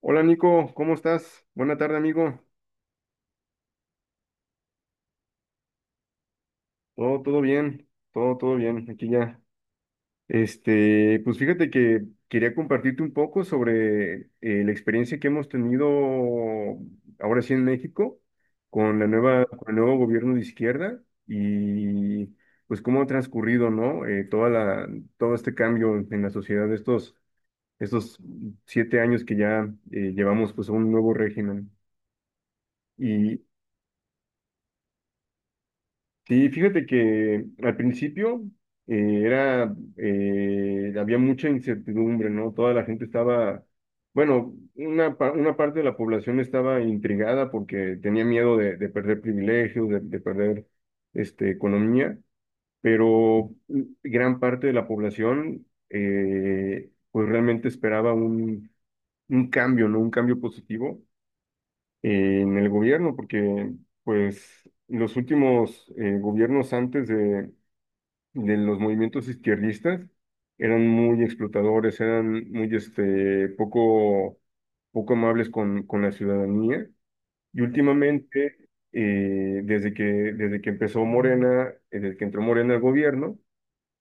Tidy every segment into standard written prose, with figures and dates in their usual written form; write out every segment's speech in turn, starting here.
Hola Nico, ¿cómo estás? Buena tarde, amigo. Todo, todo bien, todo, todo bien. Aquí ya. Pues fíjate que quería compartirte un poco sobre la experiencia que hemos tenido ahora sí en México con el nuevo gobierno de izquierda y pues cómo ha transcurrido, ¿no? Todo este cambio en la sociedad de estos 7 años que ya llevamos pues a un nuevo régimen. y Sí, fíjate que al principio había mucha incertidumbre, ¿no? Toda la gente estaba, bueno, una parte de la población estaba intrigada porque tenía miedo de perder privilegios, de perder economía, pero gran parte de la población pues realmente esperaba un cambio, ¿no? Un cambio positivo en el gobierno, porque pues los últimos gobiernos antes de los movimientos izquierdistas eran muy explotadores, eran muy poco amables con la ciudadanía. Y últimamente, desde que empezó Morena, desde que entró Morena al gobierno,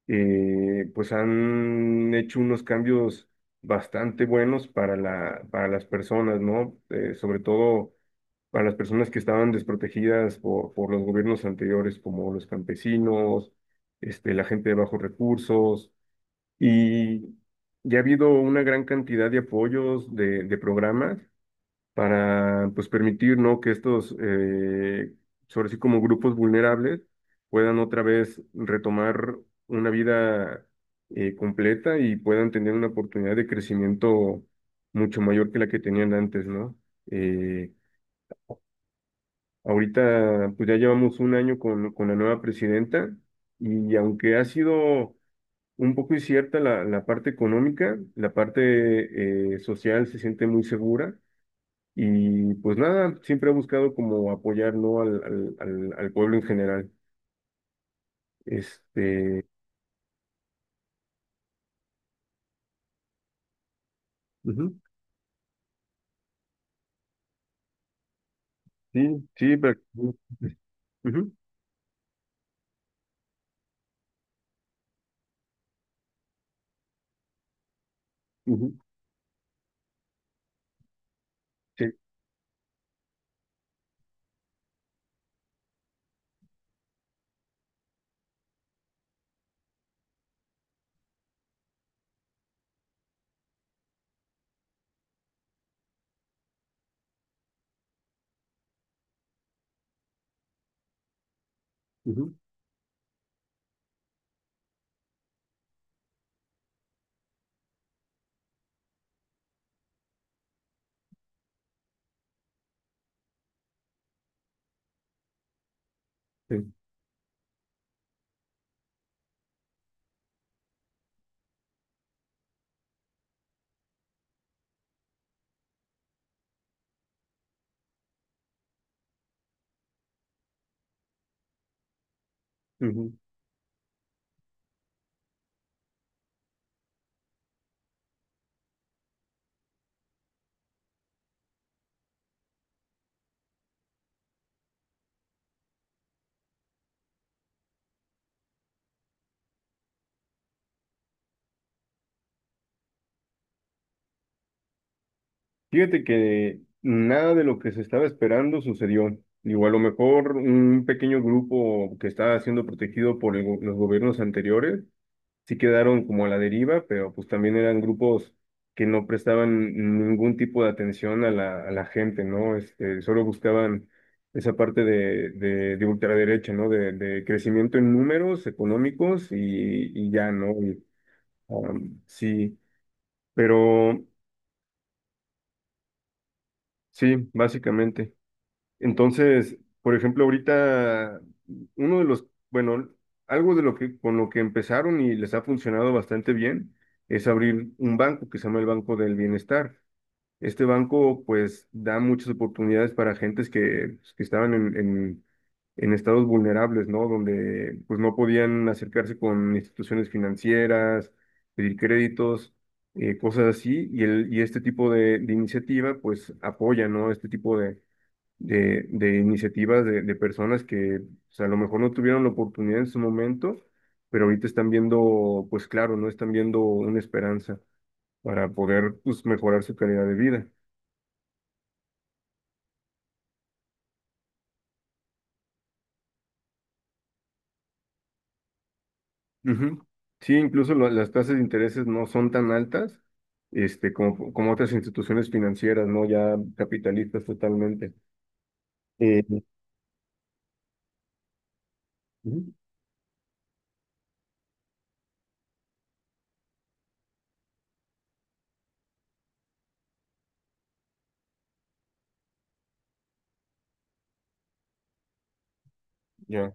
pues han hecho unos cambios bastante buenos para las personas, ¿no? Sobre todo a las personas que estaban desprotegidas por los gobiernos anteriores, como los campesinos, la gente de bajos recursos, y ya ha habido una gran cantidad de apoyos de programas para pues, permitir, ¿no? que estos, sobre sí como grupos vulnerables, puedan otra vez retomar una vida completa y puedan tener una oportunidad de crecimiento mucho mayor que la que tenían antes, ¿no? Eh, Ahorita, pues ya llevamos un año con la nueva presidenta y aunque ha sido un poco incierta la parte económica, la parte social se siente muy segura y pues nada, siempre ha buscado como apoyar, ¿no? al pueblo en general. Este, Ujú. Sí, sí. Ujú, ujú. Sí. Ujú. Sí. Ujú. Fíjate que nada de lo que se estaba esperando sucedió. Digo, a lo mejor un pequeño grupo que estaba siendo protegido por el los gobiernos anteriores sí quedaron como a la deriva, pero pues también eran grupos que no prestaban ningún tipo de atención a la gente, ¿no? Solo buscaban esa parte de ultraderecha, ¿no? De crecimiento en números económicos y, ya, ¿no? Y, sí, pero sí, básicamente. Entonces, por ejemplo, ahorita bueno, algo de lo que con lo que empezaron y les ha funcionado bastante bien es abrir un banco que se llama el Banco del Bienestar. Este banco pues da muchas oportunidades para gentes que, pues, que estaban en estados vulnerables, ¿no? Donde pues no podían acercarse con instituciones financieras, pedir créditos, cosas así, y, el, y este tipo de iniciativa pues apoya, ¿no? Este tipo de de iniciativas de personas que o sea, a lo mejor no tuvieron la oportunidad en su momento, pero ahorita están viendo, pues claro, no están viendo una esperanza para poder pues, mejorar su calidad de vida. Ujú. Sí, incluso las tasas de intereses no son tan altas como otras instituciones financieras, ¿no? Ya capitalistas totalmente. Eh, Ujú, ya,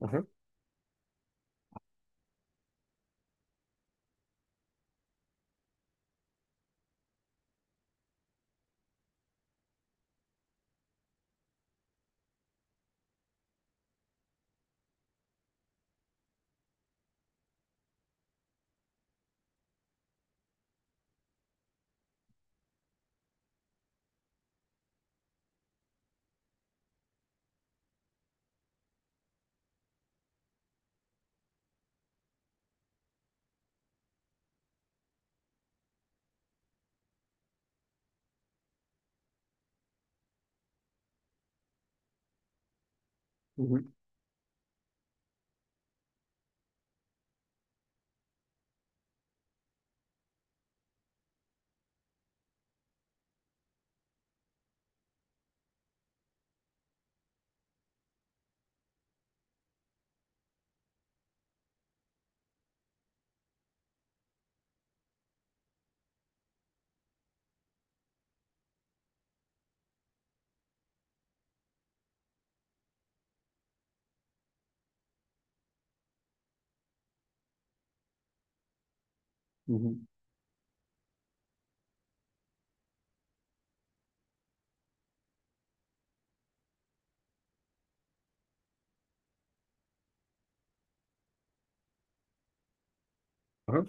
ajá, ujú, ujú, ajá.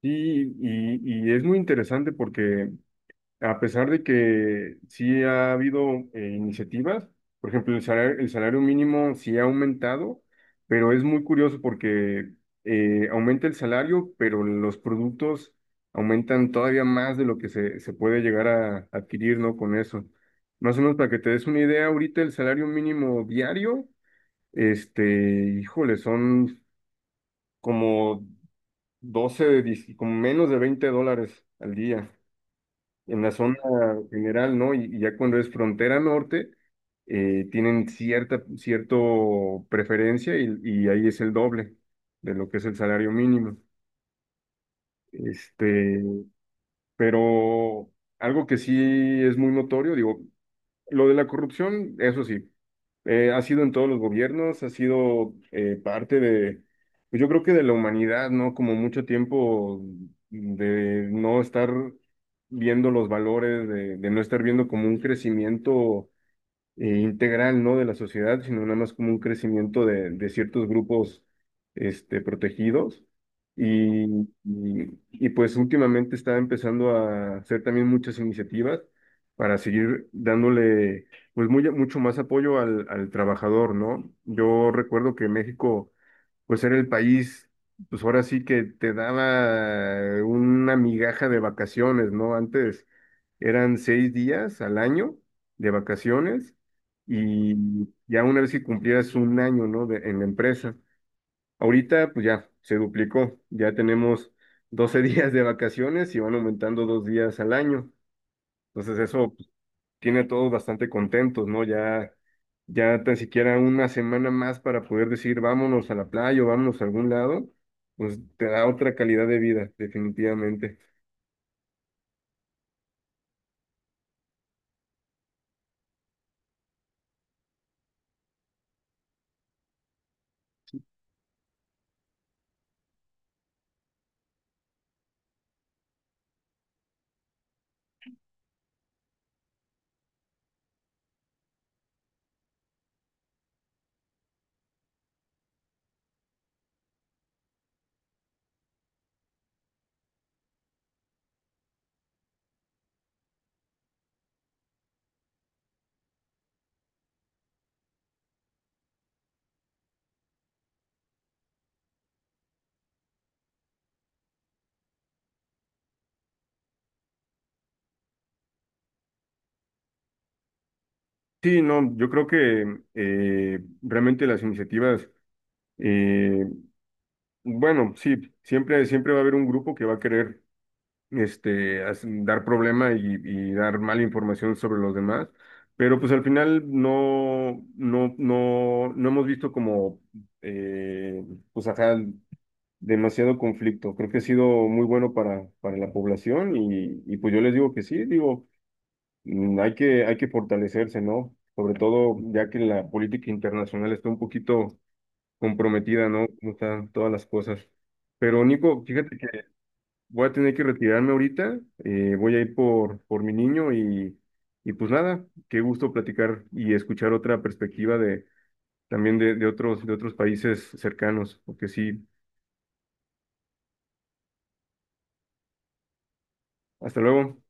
Sí, y es muy interesante porque a pesar de que sí ha habido iniciativas, por ejemplo, el salario mínimo sí ha aumentado, pero es muy curioso porque aumenta el salario, pero los productos aumentan todavía más de lo que se puede llegar a adquirir, ¿no? Con eso. Más o menos para que te des una idea, ahorita el salario mínimo diario, este, híjole, son como 12 de 10 como menos de 20 dólares al día en la zona general, ¿no? Y ya cuando es frontera norte, tienen cierta cierto preferencia y ahí es el doble de lo que es el salario mínimo. Este, pero algo que sí es muy notorio, digo, lo de la corrupción, eso sí, ha sido en todos los gobiernos, ha sido parte de, pues yo creo que de la humanidad, ¿no? Como mucho tiempo de no estar viendo los valores, de no estar viendo como un crecimiento integral, ¿no? De la sociedad, sino nada más como un crecimiento de ciertos grupos, protegidos. Y, y pues últimamente está empezando a hacer también muchas iniciativas para seguir dándole, pues muy, mucho más apoyo al trabajador, ¿no? Yo recuerdo que México pues era el país, pues ahora sí que te daba una migaja de vacaciones, ¿no? Antes eran 6 días al año de vacaciones y ya una vez que cumplieras un año, ¿no? En la empresa. Ahorita, pues ya, se duplicó, ya tenemos 12 días de vacaciones y van aumentando 2 días al año. Entonces eso tiene a todos bastante contentos, ¿no? Ya, ya tan siquiera una semana más para poder decir vámonos a la playa o vámonos a algún lado, pues te da otra calidad de vida, definitivamente. Sí, no, yo creo que realmente las iniciativas, eh, bueno, sí, siempre va a haber un grupo que va a querer dar problema y, dar mala información sobre los demás. Pero pues al final no hemos visto como, eh, pues ajá, demasiado conflicto. Creo que ha sido muy bueno para la población y, pues yo les digo que sí, digo, hay que fortalecerse, ¿no? Sobre todo ya que la política internacional está un poquito comprometida, ¿no? Como están todas las cosas. Pero Nico, fíjate. Voy a tener que retirarme ahorita, voy a ir por mi niño y, pues nada, qué gusto platicar y escuchar otra perspectiva de también de otros países cercanos, porque sí, hasta luego.